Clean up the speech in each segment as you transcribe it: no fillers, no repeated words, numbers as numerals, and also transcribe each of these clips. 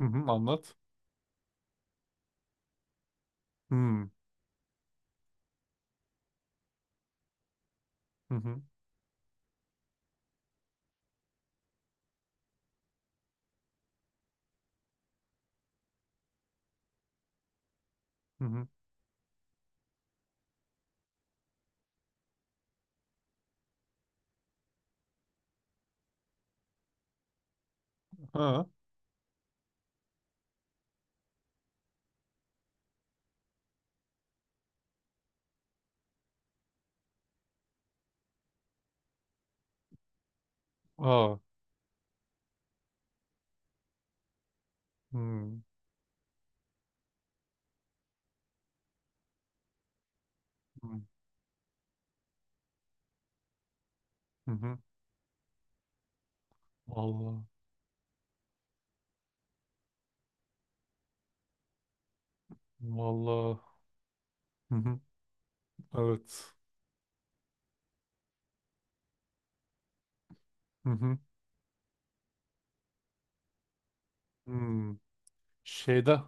Hı hı, anlat. Hı hı hı hı. Hı. Ha. Aa. Hı hı hı. Hı. Vallahi. Vallahi. Hı hı. Evet. Hı hı. Hı. Şeyden.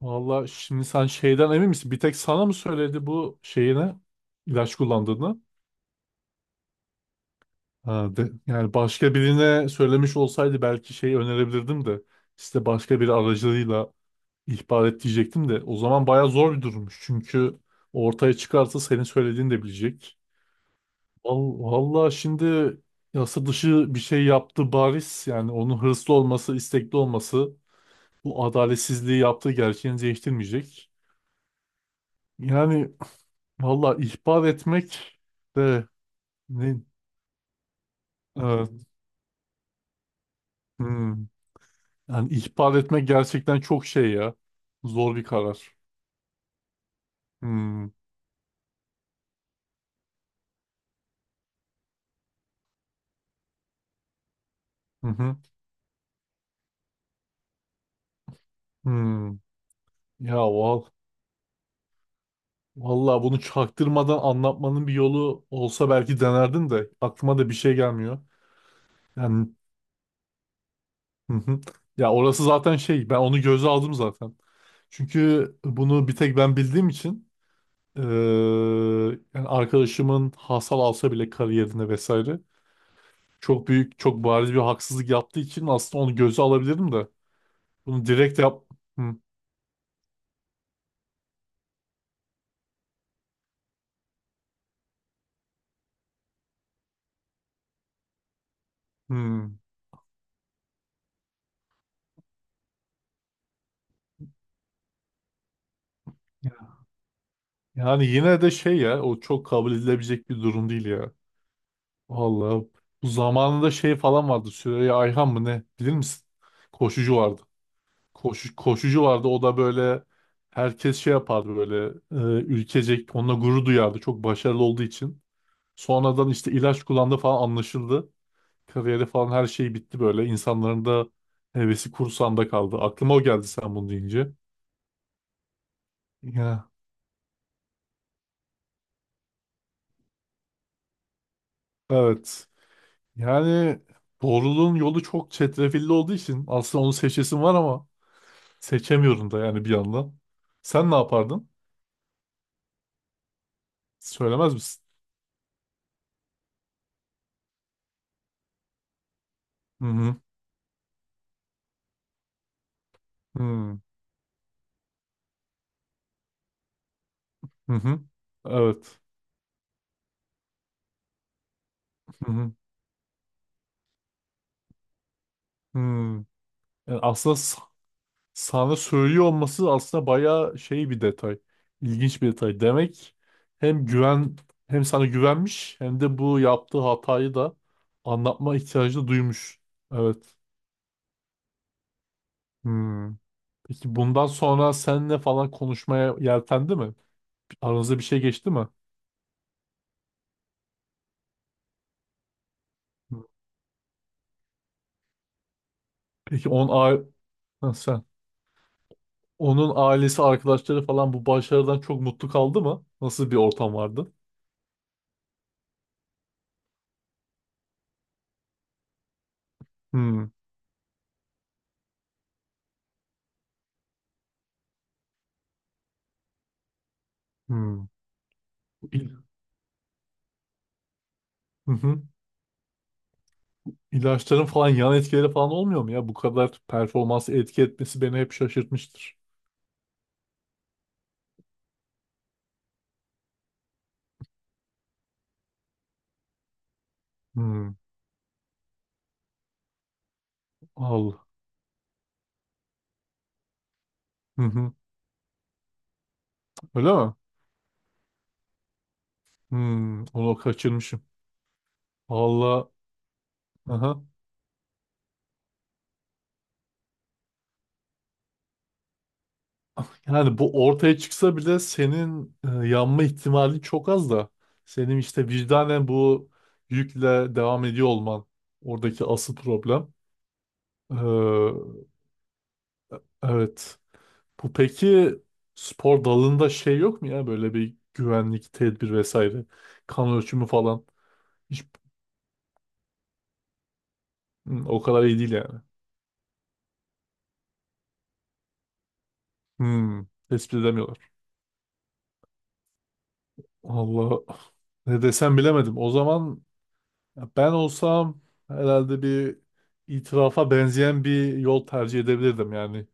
Vallahi şimdi sen şeyden emin misin? Bir tek sana mı söyledi bu şeyine ilaç kullandığını? Ha, de, yani başka birine söylemiş olsaydı belki şey önerebilirdim de işte başka bir aracılığıyla ihbar et diyecektim de o zaman bayağı zor bir durummuş. Çünkü ortaya çıkarsa senin söylediğini de bilecek. Vallahi şimdi yasa dışı bir şey yaptı bariz. Yani onun hırslı olması, istekli olması bu adaletsizliği yaptığı gerçeğini değiştirmeyecek. Yani vallahi ihbar etmek de ne? Evet. Hmm. Yani ihbar etmek gerçekten çok şey ya. Zor bir karar. Hmm. Hı hı. Hmm. Ya val valla bunu çaktırmadan anlatmanın bir yolu olsa belki denerdim de aklıma da bir şey gelmiyor. Yani, hı hı. Ya orası zaten şey, ben onu göze aldım zaten. Çünkü bunu bir tek ben bildiğim için eee, yani arkadaşımın hasal alsa bile kariyerine vesaire çok büyük çok bariz bir haksızlık yaptığı için aslında onu göze alabilirdim de bunu direkt yap. Hı, hı. Yani yine de şey ya, o çok kabul edilebilecek bir durum değil ya. Vallahi bu zamanında şey falan vardı, Süreyya Ayhan mı ne, bilir misin? Koşucu vardı. Koşucu vardı. O da böyle herkes şey yapardı böyle, ülkecek onunla gurur duyardı çok başarılı olduğu için. Sonradan işte ilaç kullandı falan, anlaşıldı. Kariyeri falan her şey bitti böyle. İnsanların da hevesi kursağında kaldı. Aklıma o geldi sen bunu deyince. Ya. Evet. Yani doğruluğun yolu çok çetrefilli olduğu için aslında onu seçesim var ama seçemiyorum da yani bir yandan. Sen ne yapardın? Söylemez misin? Hı hı. Hı hı. Hı. Evet. Hı hı. Hmm. Yani aslında sana söylüyor olması aslında bayağı şey, bir detay. İlginç bir detay. Demek hem güven hem sana güvenmiş hem de bu yaptığı hatayı da anlatma ihtiyacı da duymuş. Evet. Hmm. Peki bundan sonra seninle falan konuşmaya yeltendi mi? Aranızda bir şey geçti mi? Hmm. Peki on a Ha, sen, onun ailesi, arkadaşları falan bu başarıdan çok mutlu kaldı mı? Nasıl bir ortam vardı? Hmm. Hmm. Bu il- Hı hı. İlaçların falan yan etkileri falan olmuyor mu ya? Bu kadar performansı etki etmesi beni hep şaşırtmıştır. Hmm, al. Hı hı. Öyle mi? Hmm, onu kaçırmışım. Valla, aha. Yani bu ortaya çıksa bile senin yanma ihtimali çok az da, senin işte vicdanen bu yükle devam ediyor olman oradaki asıl problem. Ee, evet. Bu peki spor dalında şey yok mu ya, böyle bir güvenlik tedbir vesaire, kan ölçümü falan. Hiç, hmm, o kadar iyi değil yani. Hmm, tespit edemiyorlar. Allah ne desem bilemedim. O zaman ben olsam herhalde bir itirafa benzeyen bir yol tercih edebilirdim yani.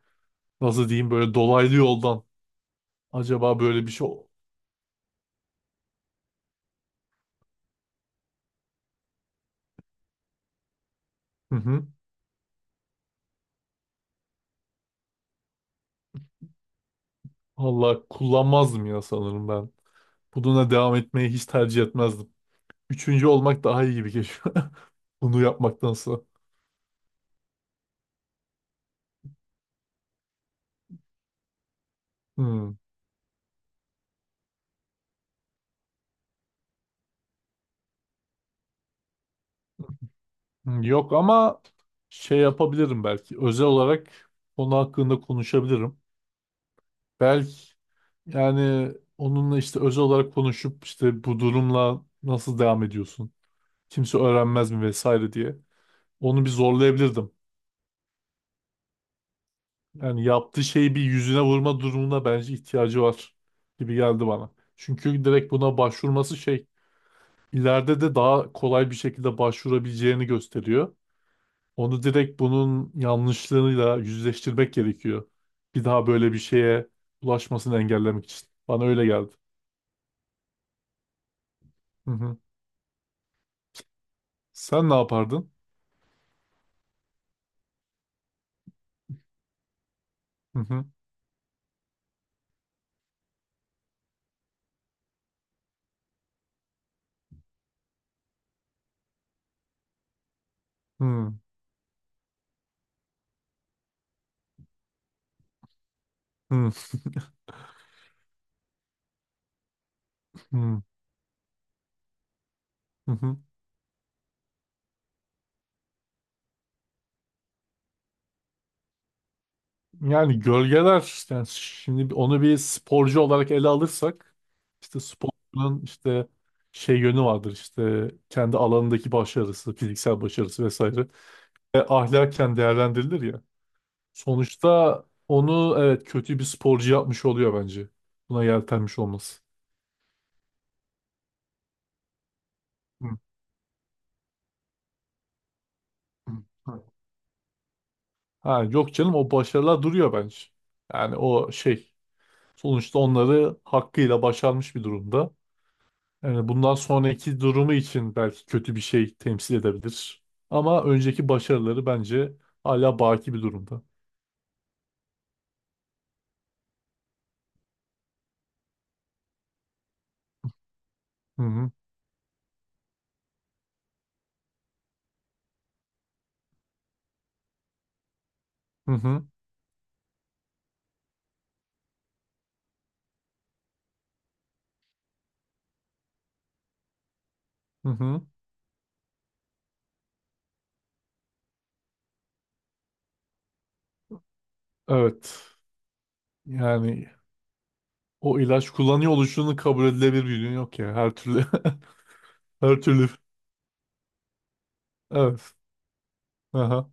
Nasıl diyeyim, böyle dolaylı yoldan. Acaba böyle bir şey... Hı hı. Allah kullanmazdım ya sanırım ben. Bununla devam etmeyi hiç tercih etmezdim. Üçüncü olmak daha iyi gibi geliyor. Bunu yapmaktansa. Hmm. Hmm, yok ama şey yapabilirim belki. Özel olarak konu hakkında konuşabilirim. Belki yani onunla işte özel olarak konuşup işte bu durumla nasıl devam ediyorsun? Kimse öğrenmez mi vesaire diye. Onu bir zorlayabilirdim. Yani yaptığı şeyi bir yüzüne vurma durumuna bence ihtiyacı var gibi geldi bana. Çünkü direkt buna başvurması şey, ileride de daha kolay bir şekilde başvurabileceğini gösteriyor. Onu direkt bunun yanlışlığıyla yüzleştirmek gerekiyor. Bir daha böyle bir şeye ulaşmasını engellemek için. Bana öyle geldi. Hı hı. Sen ne yapardın? Hı hı. Hı hı. Hı hı. Hı. Yani gölgeler, yani şimdi onu bir sporcu olarak ele alırsak, işte sporcunun işte şey yönü vardır, işte kendi alanındaki başarısı, fiziksel başarısı vesaire. Ve ahlaken değerlendirilir ya. Sonuçta onu evet, kötü bir sporcu yapmış oluyor bence. Buna yeltenmiş olması. Hı, hı, hı. Ha, yok canım, o başarılar duruyor bence. Yani o şey, sonuçta onları hakkıyla başarmış bir durumda. Yani bundan sonraki durumu için belki kötü bir şey temsil edebilir. Ama önceki başarıları bence hala baki bir durumda. Hı hı hı hı. Hı hı. Evet. Yani o ilaç kullanıyor oluşunun kabul edilebilir bir yönü yok ya. Her türlü her türlü, evet. Aha.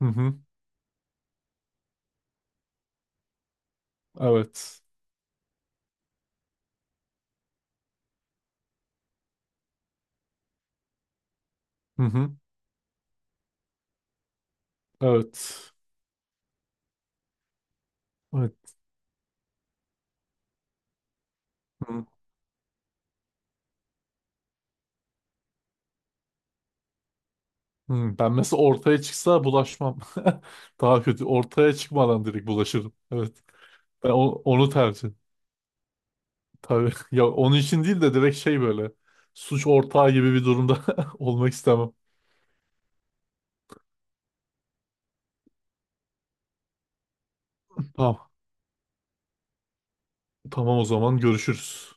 Hı hı. Evet. Hı hı. Evet. Evet. Hı hı. Ben mesela ortaya çıksa bulaşmam. Daha kötü. Ortaya çıkmadan direkt bulaşırım. Evet. Onu tercih. Tabii. Ya onun için değil de direkt şey böyle. Suç ortağı gibi bir durumda olmak istemem. Tamam. Tamam o zaman görüşürüz.